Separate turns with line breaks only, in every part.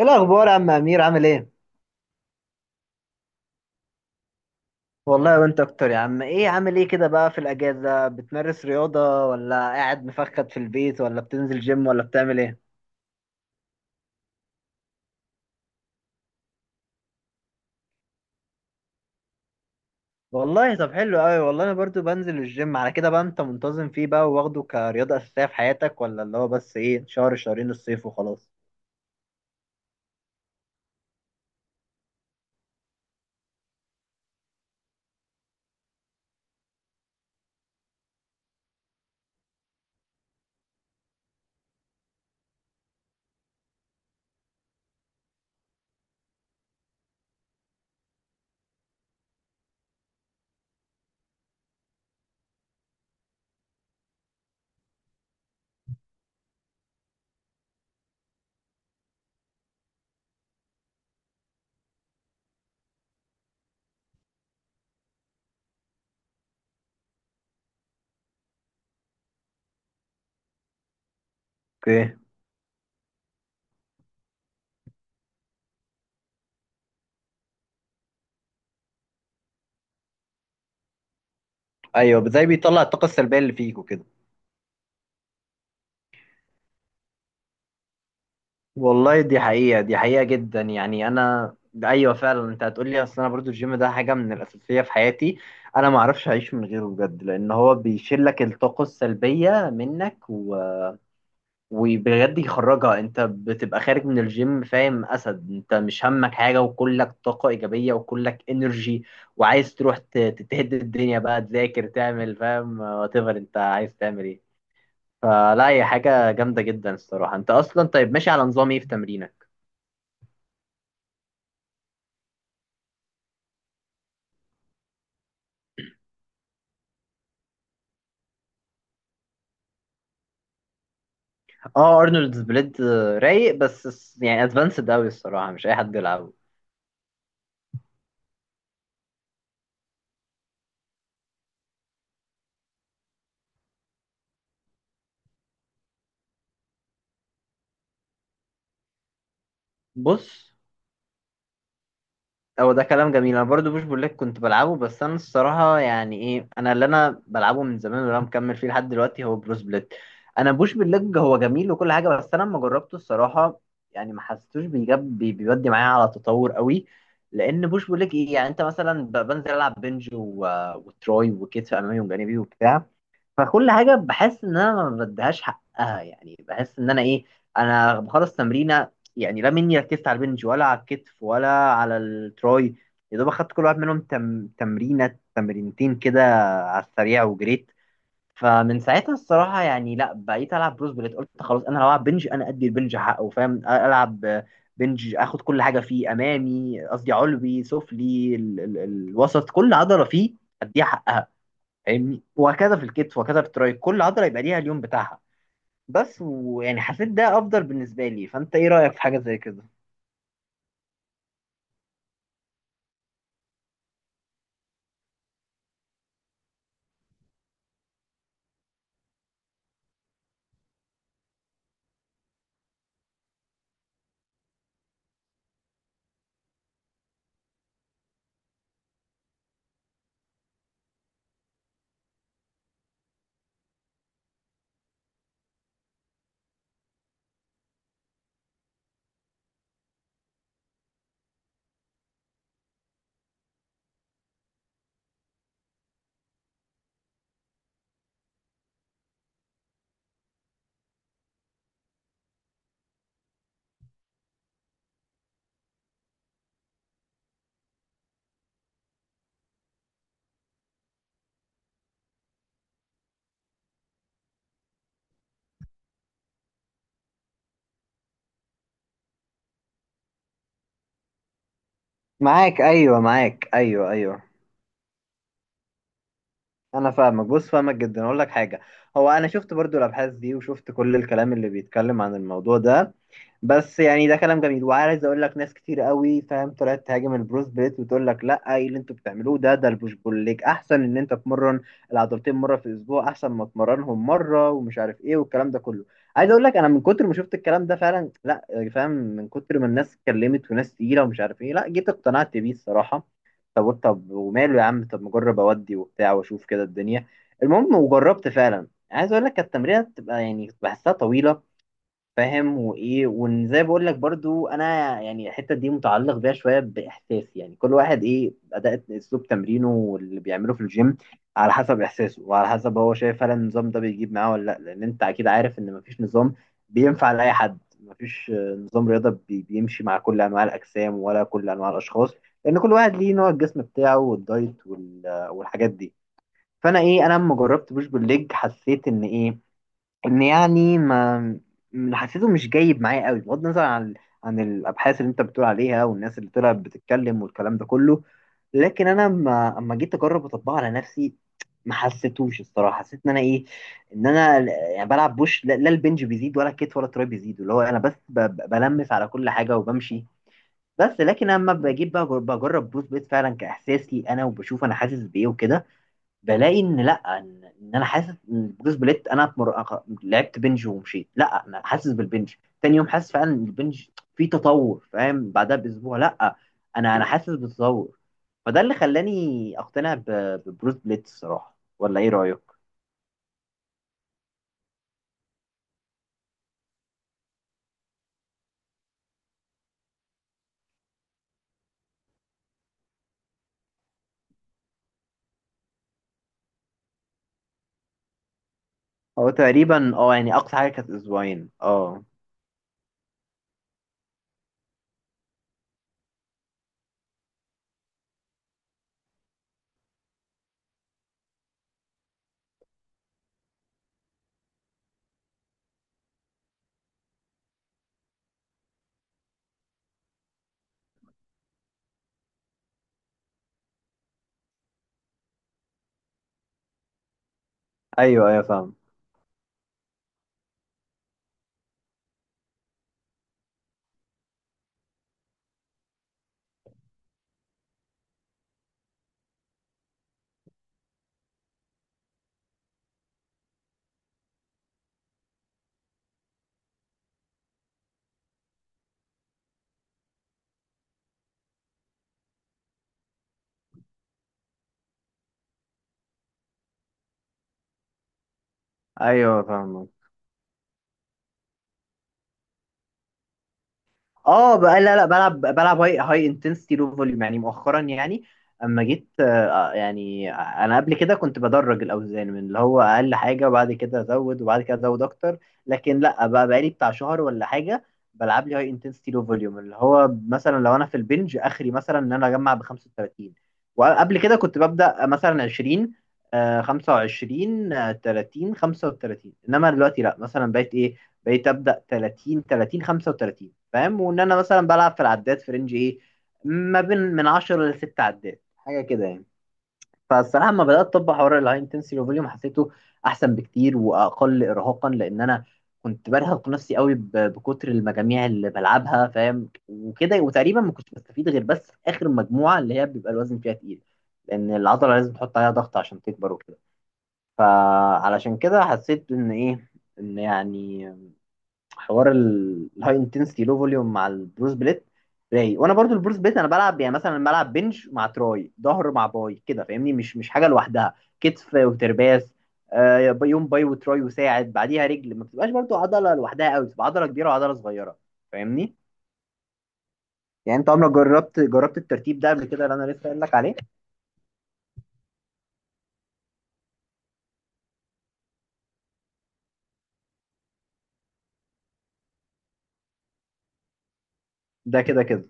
ايه الاخبار يا عم امير؟ عامل ايه؟ والله وانت اكتر يا عم. ايه، عامل ايه كده بقى في الاجازه، بتمارس رياضه ولا قاعد مفخد في البيت ولا بتنزل جيم ولا بتعمل ايه؟ والله طب حلو قوي. والله انا برضو بنزل الجيم. على كده بقى، انت منتظم فيه بقى واخده كرياضه اساسيه في حياتك، ولا اللي هو بس ايه شهر شهرين الصيف وخلاص؟ اوكي. ايوه، زي بيطلع الطاقه السلبيه اللي فيك وكده. والله دي حقيقة، دي حقيقة جدا يعني. أنا أيوة فعلا أنت هتقولي. أصل أنا برضو الجيم ده حاجة من الأساسية في حياتي. أنا ما أعرفش أعيش من غيره بجد، لأن هو بيشيل لك الطاقة السلبية منك وبجد يخرجها. أنت بتبقى خارج من الجيم فاهم، أسد، أنت مش همك حاجة وكلك طاقة إيجابية وكلك إنرجي. وعايز تروح تتهد الدنيا بقى، تذاكر، تعمل، فاهم، وات ايفر أنت عايز تعمل إيه. فلا، هي حاجة جامدة جدا الصراحة. أنت أصلا طيب، ماشي على نظام إيه في تمرينك؟ اه، ارنولد بليد. رايق، بس يعني ادفانسد قوي الصراحه، مش اي حد يلعبه. بص، هو ده كلام جميل. انا برضو بوش بقول لك كنت بلعبه، بس انا الصراحه يعني ايه، انا اللي انا بلعبه من زمان واللي انا مكمل فيه لحد دلوقتي هو بروس بليد. انا بوش بالليج هو جميل وكل حاجه، بس انا لما جربته الصراحه، يعني ما حسيتوش بيجاب بيودي معايا على تطور قوي. لان بوش بقول لك ايه، يعني انت مثلا بنزل العب بنج وتروي وكتف امامي وجانبي وبتاع. فكل حاجه بحس ان انا ما بديهاش حقها، يعني بحس ان انا ايه، انا بخلص تمرينه. يعني لا مني ركزت على البنج ولا على الكتف ولا على التراي. يا دوب اخدت كل واحد منهم تمرينه تمرينتين كده، على السريع وجريت. فمن ساعتها الصراحه يعني، لا بقيت العب بروس بليت. قلت خلاص، انا لو العب بنج انا ادي البنج حقه، فاهم. العب بنج، اخد كل حاجه فيه امامي قصدي علوي سفلي الوسط، كل عضله فيه اديها حقها. فاهمني؟ وهكذا في الكتف، وهكذا في التراي، كل عضله يبقى ليها اليوم بتاعها. بس ويعني حسيت ده افضل بالنسبه لي. فانت ايه رايك في حاجه زي كده؟ معاك، ايوه، معاك، ايوه، ايوه. انا فاهمك، بص، فاهمك جدا. اقول لك حاجه، هو انا شفت برضو الابحاث دي وشفت كل الكلام اللي بيتكلم عن الموضوع ده. بس يعني ده كلام جميل، وعايز اقول لك ناس كتير قوي، فاهم، طلعت تهاجم البروس بليت وتقول لك لا، ايه اللي انتوا بتعملوه ده البوش بول ليج احسن، ان انت تمرن العضلتين مره في الاسبوع احسن ما تمرنهم مره ومش عارف ايه والكلام ده كله. عايز اقول لك، انا من كتر ما شفت الكلام ده فعلا، لا، فاهم، من كتر ما الناس اتكلمت وناس تقيله ومش عارف ايه، لا، جيت اقتنعت بيه الصراحه. طب قلت، طب وماله يا عم، طب ما اجرب اودي وبتاع واشوف كده الدنيا. المهم، وجربت فعلا. عايز اقول لك التمرينه بتبقى يعني بحسها طويله، فاهم؟ وايه، وان زي بقول لك برضو، انا يعني الحته دي متعلق بيها شويه باحساسي. يعني كل واحد ايه، اداء اسلوب تمرينه واللي بيعمله في الجيم على حسب احساسه وعلى حسب هو شايف فعلا النظام ده بيجيب معاه ولا لا. لان انت اكيد عارف ان مفيش نظام بينفع لاي حد، مفيش نظام رياضه بيمشي مع كل انواع الاجسام ولا كل انواع الاشخاص. لان كل واحد ليه نوع الجسم بتاعه والدايت والحاجات دي. فانا ايه، انا لما جربت بوش بالليج حسيت ان ايه، ان يعني ما، حسيته مش جايب معايا قوي، بغض النظر عن الابحاث اللي انت بتقول عليها والناس اللي طلعت بتتكلم والكلام ده كله. لكن انا، ما اما جيت اجرب اطبقه على نفسي ما حسيتوش الصراحه، حسيت ان انا ايه، ان انا يعني بلعب بوش، لا لا، البنج بيزيد ولا الكتف ولا التراي بيزيد، اللي هو انا بس بلمس على كل حاجه وبمشي. بس لكن اما بجيب بقى بجرب بوش بيت فعلا كاحساسي انا وبشوف انا حاسس بايه وكده، بلاقي ان لا، إن انا حاسس ان بروس بليت، انا لعبت بنج ومشيت، لا، انا حاسس بالبنج، تاني يوم حاسس فعلا ان البنج فيه تطور، فاهم؟ بعدها باسبوع، لا، انا حاسس بالتطور. فده اللي خلاني اقتنع ببروس بليت الصراحه، ولا ايه رايك؟ هو تقريبا اه، يعني اقصى حاجه كانت اسبوعين، اه. ايوه، ايوه، فاهم. ايوه فاهم. اه بقى، لا لا، بلعب هاي انتنسيتي لو فوليوم. يعني مؤخرا يعني، اما جيت يعني انا قبل كده كنت بدرج الاوزان من اللي هو اقل حاجه وبعد كده ازود وبعد كده ازود اكتر، لكن لا بقى بقالي بتاع شهر ولا حاجه بلعب لي هاي انتنسيتي لو فوليوم، اللي هو مثلا لو انا في البنج اخري، مثلا ان انا اجمع ب 35، وقبل كده كنت ببدا مثلا 20، 25، 30، 35. انما دلوقتي لا، مثلا بقيت ايه، بقيت ابدا 30، 30، 35، فاهم؟ وان انا مثلا بلعب في العداد في رينج ايه، ما بين من 10 ل 6 عداد، حاجه كده يعني. فالصراحه لما بدات اطبق حوار الهاي انتنسيتي فوليوم حسيته احسن بكتير واقل ارهاقا، لان انا كنت برهق نفسي قوي بكتر المجاميع اللي بلعبها، فاهم، وكده. وتقريبا ما كنتش بستفيد غير بس في اخر مجموعه، اللي هي بيبقى الوزن فيها تقيل، لان العضله لازم تحط عليها ضغط عشان تكبر وكده. فعلشان كده حسيت ان ايه، ان يعني حوار الهاي انتنسيتي لو فوليوم مع البروس بليت رايق. وانا برضو البروس بليت انا بلعب، يعني مثلا بلعب بنش مع تراي، ظهر مع باي، كده، فاهمني، مش حاجه لوحدها. كتف وترباس، يوم باي وتراي وساعد، بعديها رجل، ما بتبقاش برضو عضله لوحدها قوي، بتبقى عضله كبيره وعضله صغيره، فاهمني. يعني انت عمرك جربت الترتيب ده قبل كده اللي انا لسه قايل لك عليه؟ ده كده كده.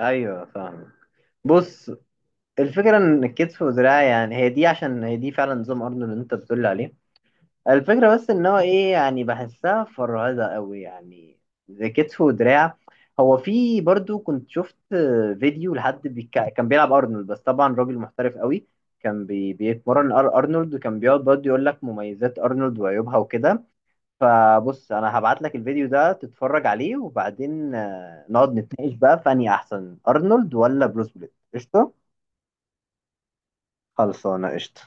ايوه فاهم. بص، الفكره ان الكتف والدراع، يعني هي دي، عشان هي دي فعلا نظام ارنولد اللي انت بتقول لي عليه. الفكرة بس ان هو ايه، يعني بحسها فرهدة قوي يعني، زي كتف ودراع. هو في برضو كنت شفت فيديو لحد كان بيلعب ارنولد، بس طبعا راجل محترف قوي، كان بيتمرن ارنولد، وكان بيقعد برضو يقول لك مميزات ارنولد وعيوبها وكده. فبص، انا هبعت لك الفيديو ده تتفرج عليه، وبعدين نقعد نتناقش بقى، فاني احسن ارنولد ولا بروس بليت، قشطة؟ خلصانة قشطة.